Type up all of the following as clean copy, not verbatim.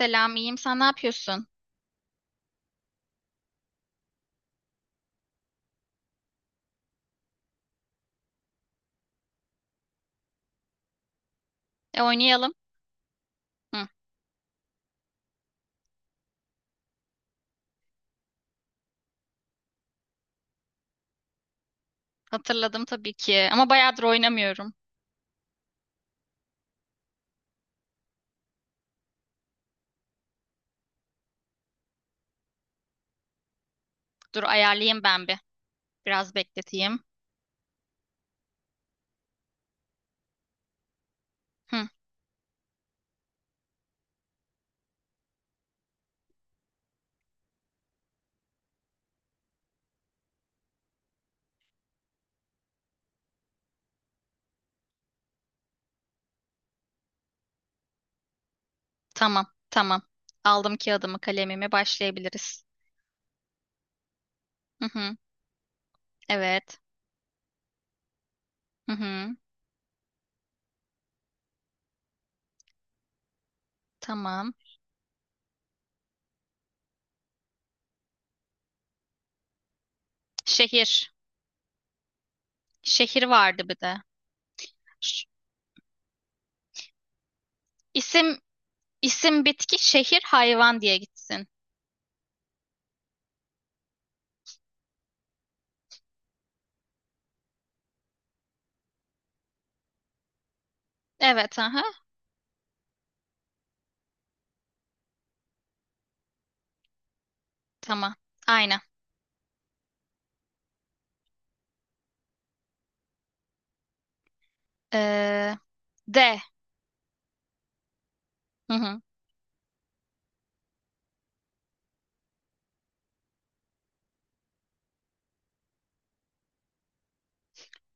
Selam, iyiyim. Sen ne yapıyorsun? E oynayalım. Hı, hatırladım tabii ki. Ama bayağıdır oynamıyorum. Dur ayarlayayım ben bir. Biraz bekleteyim. Hı, tamam, tamam. Aldım kağıdımı, kalemimi. Başlayabiliriz. Hı hı, evet. Hı hı, tamam. Şehir. Şehir vardı bir de. Ş- İsim, isim bitki, şehir hayvan diye gitsin. Evet, aha. Tamam. Aynen. Ee, D. Hı hı.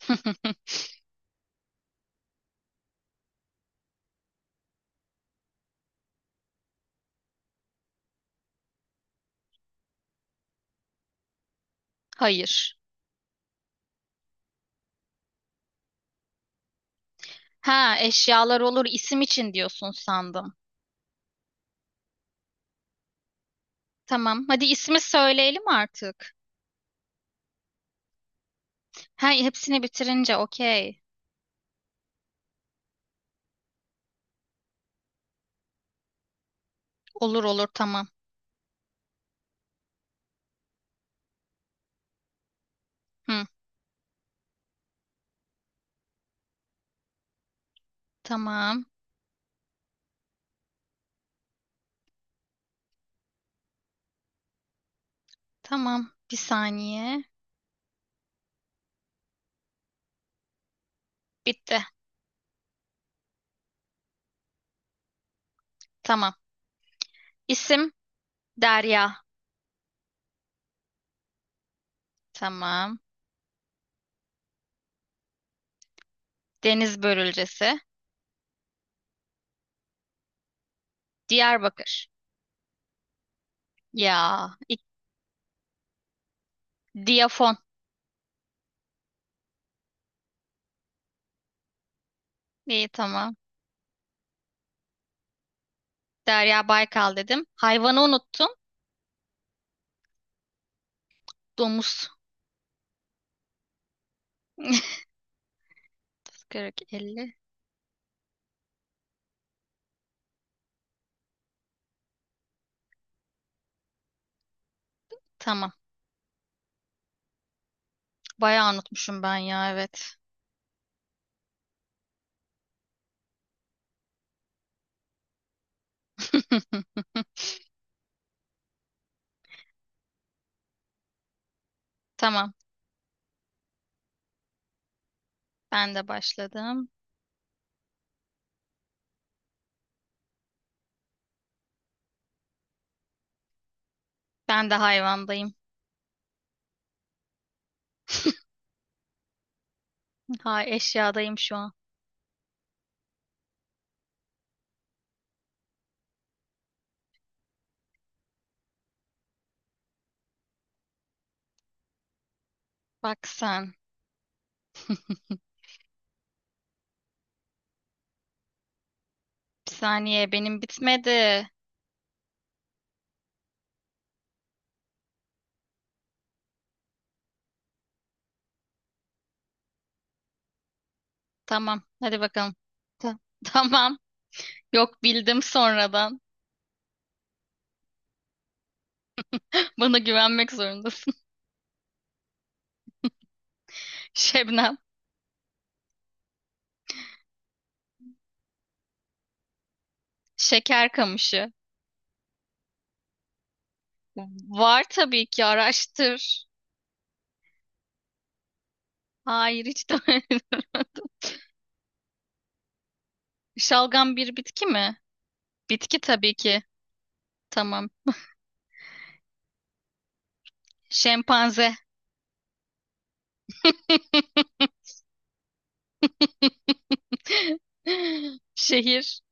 Hayır. Ha, eşyalar olur isim için diyorsun sandım. Tamam. Hadi ismi söyleyelim artık. Ha, hepsini bitirince okey. Olur olur tamam. Hı, tamam. Tamam. Bir saniye. Bitti. Tamam. İsim Derya. Tamam. Deniz börülcesi. Diyarbakır. Ya. ik- Diyafon. İyi tamam. Derya Baykal dedim. Hayvanı unuttum. Domuz. 40, 50. Tamam. Bayağı unutmuşum ben ya evet. Tamam. Ben de başladım. Ben de hayvandayım. Ha, eşyadayım şu an. Bak sen. Bir saniye benim bitmedi. Tamam. Hadi bakalım. Ta- tamam. Yok bildim sonradan. Bana güvenmek zorundasın. Şebnem. Şeker kamışı. Var tabii ki araştır. Hayır hiç de. Şalgam bir bitki mi? Bitki tabii ki. Tamam. Şempanze. Şehir.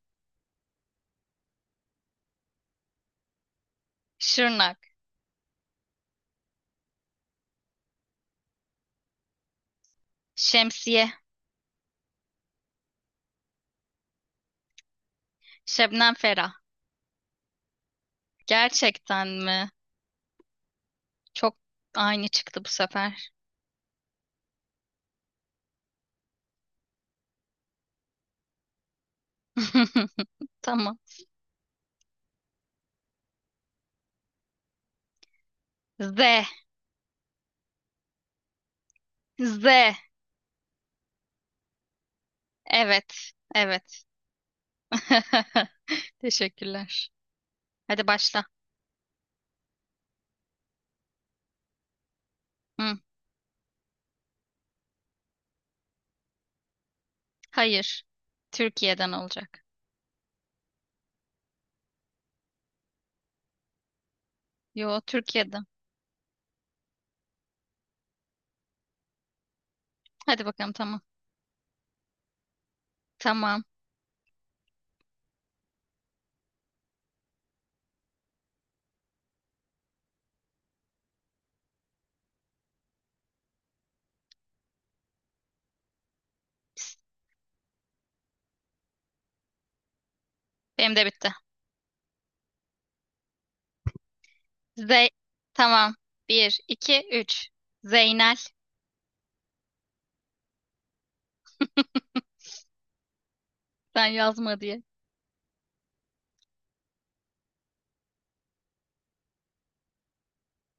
Şırnak. Şemsiye. Şebnem Ferah. Gerçekten mi? Çok aynı çıktı bu sefer. Tamam. Z. Z. Evet, evet. Teşekkürler. Hadi başla. Hı, hayır. Türkiye'den olacak. Yo, Türkiye'den. Hadi bakalım tamam. Tamam. Benim de bitti. Z, tamam. 1, 2, 3. Zeynel. Sen yazma diye.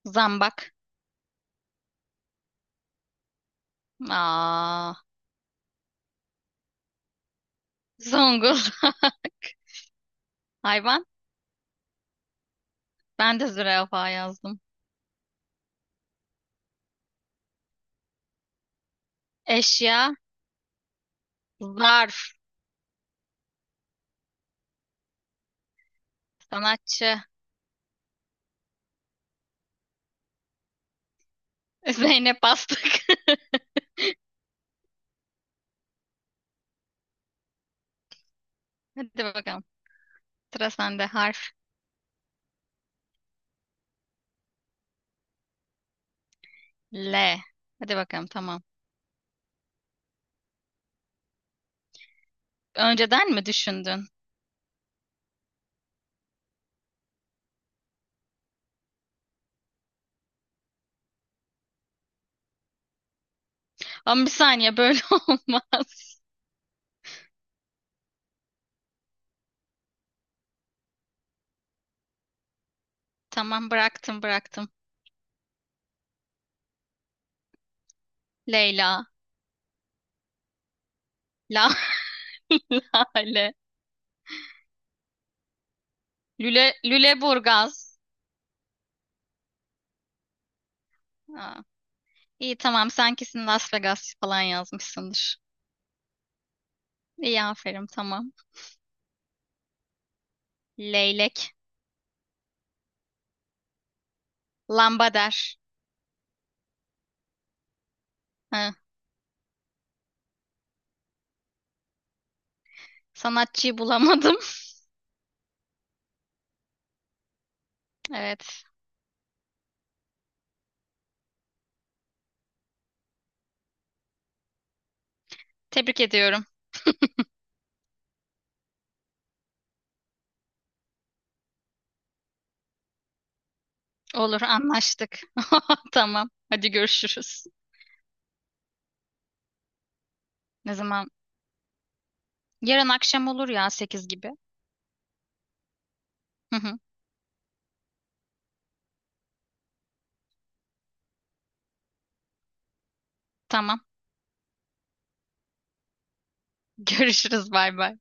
Zambak. Aa, Zonguldak. Hayvan. Ben de zürafa yazdım. Eşya. Zarf. Sanatçı. Zeynep Bastık. Hadi bakalım. Sıra sende. Harf. L. Hadi bakalım tamam. Önceden mi düşündün? Ama bir saniye böyle olmaz. Tamam, bıraktım, bıraktım. Leyla. La. Lale. Lüle, Lüleburgaz. Aa, iyi tamam, sen kesin Las Vegas falan yazmışsındır. İyi aferin tamam. Leylek. Lambader. Ha. Sanatçıyı bulamadım. Evet. Tebrik ediyorum. Olur, anlaştık. Tamam. Hadi görüşürüz. Ne zaman? Yarın akşam olur ya 8 gibi. Hı hı. Tamam. Görüşürüz. Bay bay.